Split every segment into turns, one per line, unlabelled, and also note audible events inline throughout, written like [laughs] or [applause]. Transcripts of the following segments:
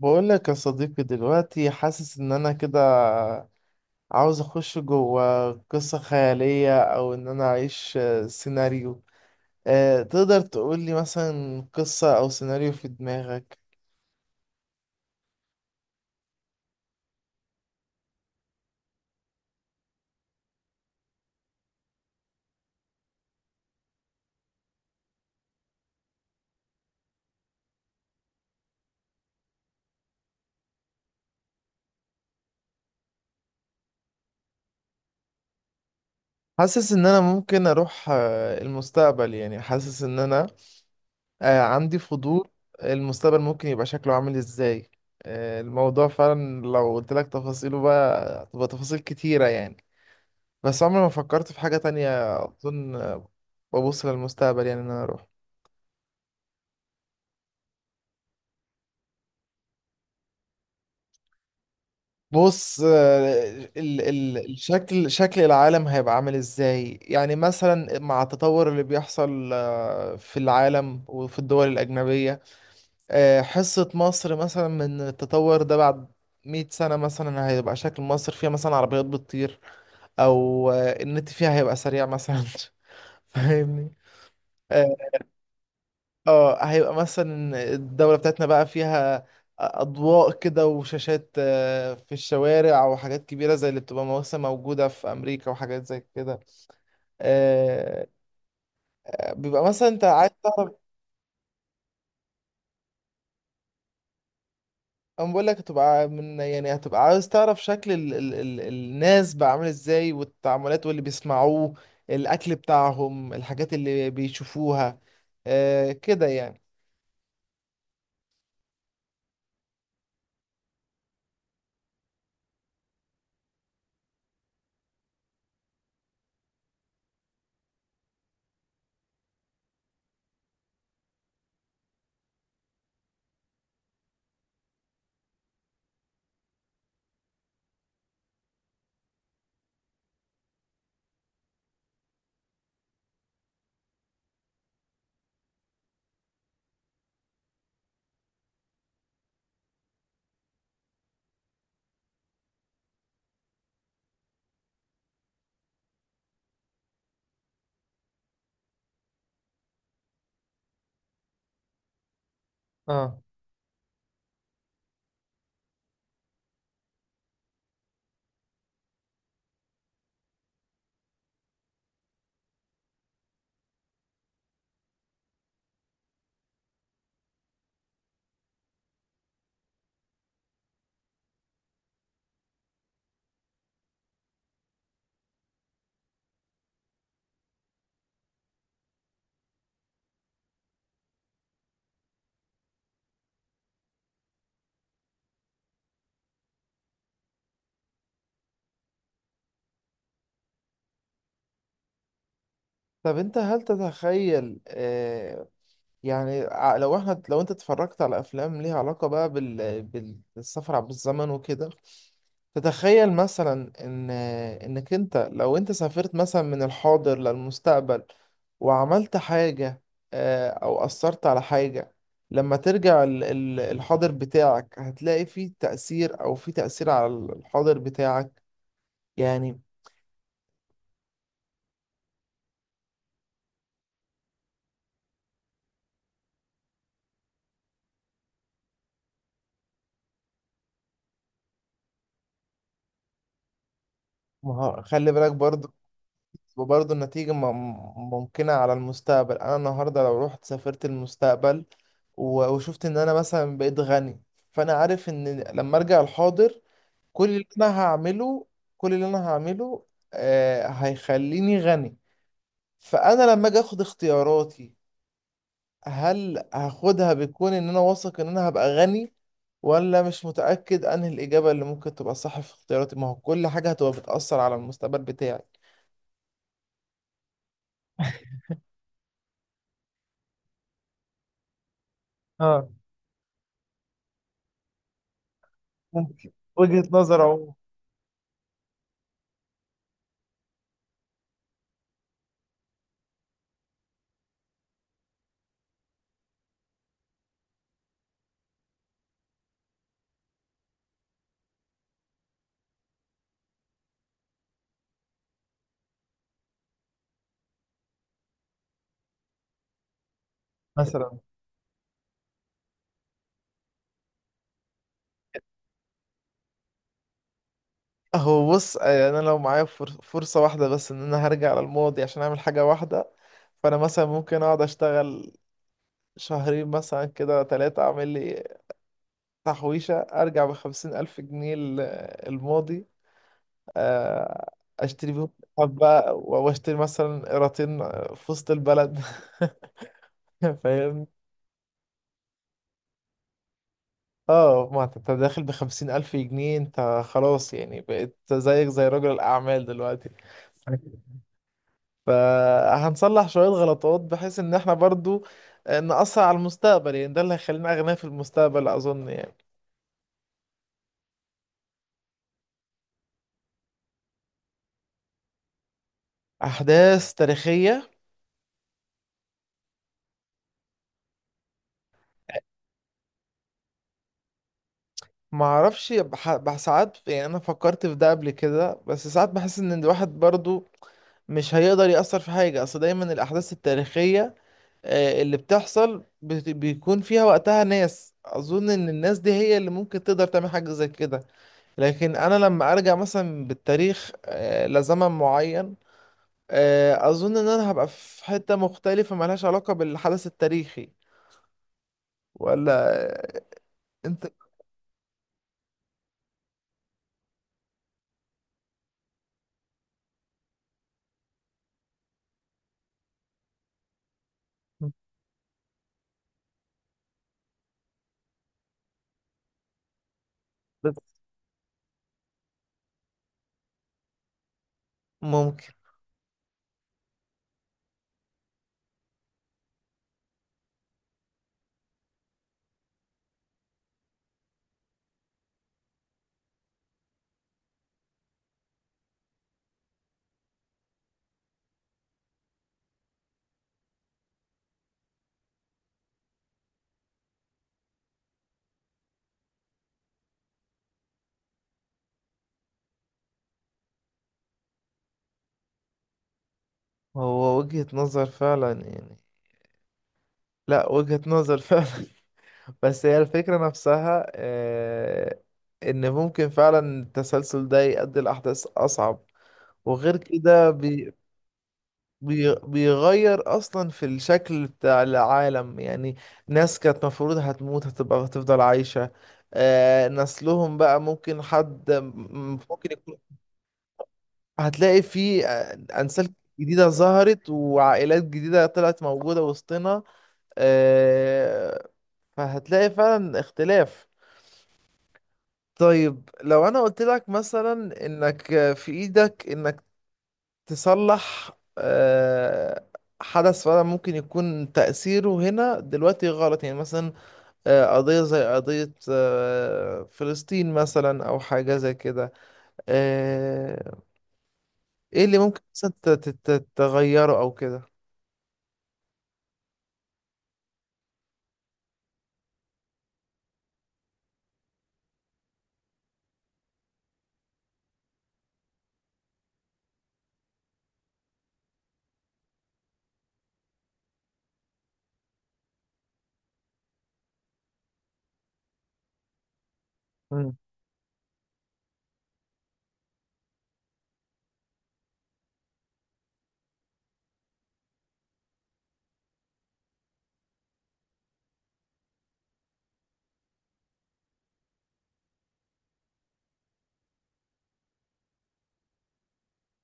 بقول لك يا صديقي دلوقتي حاسس ان انا كده عاوز اخش جوه قصة خيالية او ان انا اعيش سيناريو. تقدر تقول لي مثلا قصة او سيناريو في دماغك؟ حاسس ان انا ممكن اروح المستقبل، يعني حاسس ان انا عندي فضول. المستقبل ممكن يبقى شكله عامل ازاي؟ الموضوع فعلا لو قلت لك تفاصيله بقى تبقى تفاصيل كتيرة يعني، بس عمري ما فكرت في حاجة تانية أظن. ببص للمستقبل، يعني إن أنا أروح. بص ال ال الشكل، شكل العالم هيبقى عامل إزاي يعني مثلا مع التطور اللي بيحصل في العالم وفي الدول الأجنبية. حصة مصر مثلا من التطور ده بعد 100 سنة مثلا، هيبقى شكل مصر فيها مثلا عربيات بتطير أو النت فيها هيبقى سريع مثلا [laughs] فاهمني؟ آه، اه، هيبقى مثلا الدولة بتاعتنا بقى فيها أضواء كده وشاشات في الشوارع وحاجات كبيرة زي اللي بتبقى مثلا موجودة في أمريكا وحاجات زي كده. آه، بيبقى مثلا أنت عايز تعرف. أنا بقول لك هتبقى من، يعني هتبقى عايز تعرف شكل ال ال ال الناس بقى عامل إزاي، والتعاملات واللي بيسمعوه، الأكل بتاعهم، الحاجات اللي بيشوفوها، كده يعني. اه. طب انت هل تتخيل يعني لو احنا لو انت اتفرجت على افلام ليها علاقة بقى بالسفر عبر الزمن وكده، تتخيل مثلا ان انك انت لو انت سافرت مثلا من الحاضر للمستقبل وعملت حاجة او اثرت على حاجة، لما ترجع الحاضر بتاعك هتلاقي فيه تأثير، او فيه تأثير على الحاضر بتاعك يعني. ما هو- خلي بالك برضو، وبرضه النتيجة ممكنة على المستقبل. أنا النهاردة لو رحت سافرت المستقبل وشفت إن أنا مثلا بقيت غني، فأنا عارف إن لما أرجع الحاضر كل اللي أنا هعمله كل اللي أنا هعمله، هيخليني غني. فأنا لما أجي أخد اختياراتي، هل هاخدها بيكون إن أنا واثق إن أنا هبقى غني، ولا مش متأكد أنهي الإجابة اللي ممكن تبقى صح في اختياراتي؟ ما هو كل حاجة هتبقى بتأثر على المستقبل بتاعي. اه ممكن. وجهة نظر أهو. مثلا، هو بص يعني انا لو معايا فرصة واحدة بس ان انا هرجع على الماضي عشان اعمل حاجة واحدة، فانا مثلا ممكن اقعد اشتغل شهرين مثلا كده، ثلاثة، اعمل لي تحويشة ارجع ب50,000 جنيه الماضي. آه، اشتري بيهم حبة، واشتري مثلا قيراطين في وسط البلد. [laughs] فاهم؟ اه، ما انت داخل ب50,000 جنيه، انت خلاص يعني بقيت زيك زي رجل الاعمال دلوقتي. فهنصلح شوية غلطات بحيث ان احنا برضو نأثر على المستقبل، يعني ده اللي هيخلينا أغنياء في المستقبل أظن يعني. أحداث تاريخية؟ معرفش، ساعات يعني أنا فكرت في ده قبل كده، بس ساعات بحس إن الواحد برضو مش هيقدر يأثر في حاجة، أصل دايما الأحداث التاريخية اللي بتحصل بيكون فيها وقتها ناس، أظن إن الناس دي هي اللي ممكن تقدر تعمل حاجة زي كده. لكن أنا لما أرجع مثلا بالتاريخ لزمن معين، اظن ان انا هبقى في حتة مختلفة ملهاش علاقة بالحدث التاريخي ولا انت؟ بس ممكن. هو وجهة نظر فعلا يعني. لا، وجهة نظر فعلا [laughs] بس هي الفكرة نفسها ان ممكن فعلا التسلسل ده يؤدي لأحداث اصعب، وغير كده بيغير اصلا في الشكل بتاع العالم يعني. ناس كانت مفروض هتموت هتبقى هتفضل عايشة، آه نسلهم بقى ممكن حد ممكن يكون، هتلاقي في انسال جديدة ظهرت وعائلات جديدة طلعت موجودة وسطنا. آه. فهتلاقي فعلا اختلاف. طيب لو انا قلت لك مثلا انك في ايدك انك تصلح آه، حدث فعلا ممكن يكون تأثيره هنا دلوقتي غلط، يعني مثلا قضية زي قضية فلسطين مثلا، أو حاجة زي كده. آه، إيه اللي ممكن مثلا تغيره أو كده؟ مم.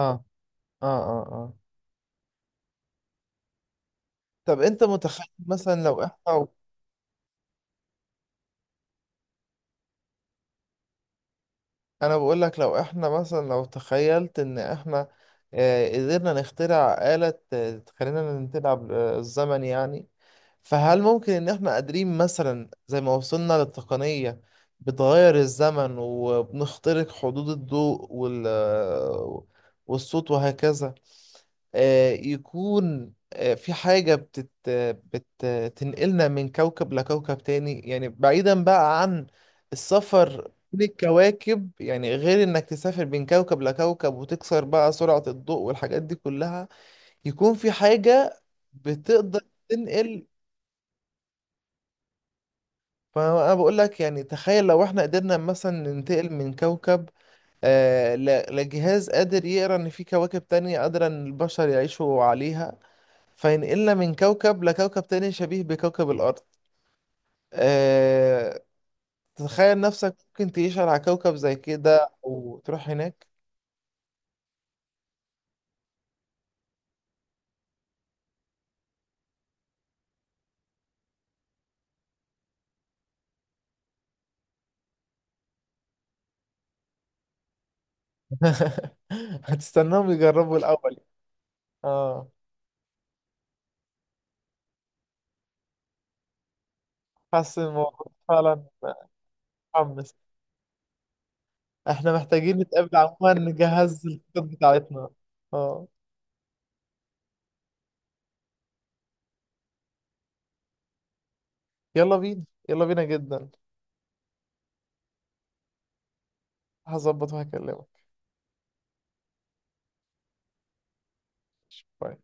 اه اه اه اه. طب أنت متخيل مثلا لو إحنا، انا بقول لك لو احنا مثلا، لو تخيلت ان احنا قدرنا نخترع آلة تخلينا نلعب الزمن يعني، فهل ممكن ان احنا قادرين مثلا زي ما وصلنا للتقنية بتغير الزمن وبنخترق حدود الضوء وال والصوت وهكذا، يكون في حاجة بتنقلنا من كوكب لكوكب تاني، يعني بعيدا بقى عن السفر كل الكواكب يعني غير انك تسافر بين كوكب لكوكب وتكسر بقى سرعة الضوء والحاجات دي كلها، يكون في حاجة بتقدر تنقل. فانا بقول لك يعني تخيل لو احنا قدرنا مثلا ننتقل من كوكب آه لجهاز قادر يقرا ان في كواكب تانية قادرة ان البشر يعيشوا عليها، فينقلنا من كوكب لكوكب تاني شبيه بكوكب الارض. آه، تتخيل نفسك ممكن تعيش على كوكب زي كده او تروح هناك؟ [laughs] هتستناهم يجربوا الأول؟ اه، حاسس إن الموضوع فعلا محمس. احنا محتاجين نتقابل عموما نجهز الخطط بتاعتنا. اه يلا بينا يلا بينا جدا. هظبط وهكلمك. باي.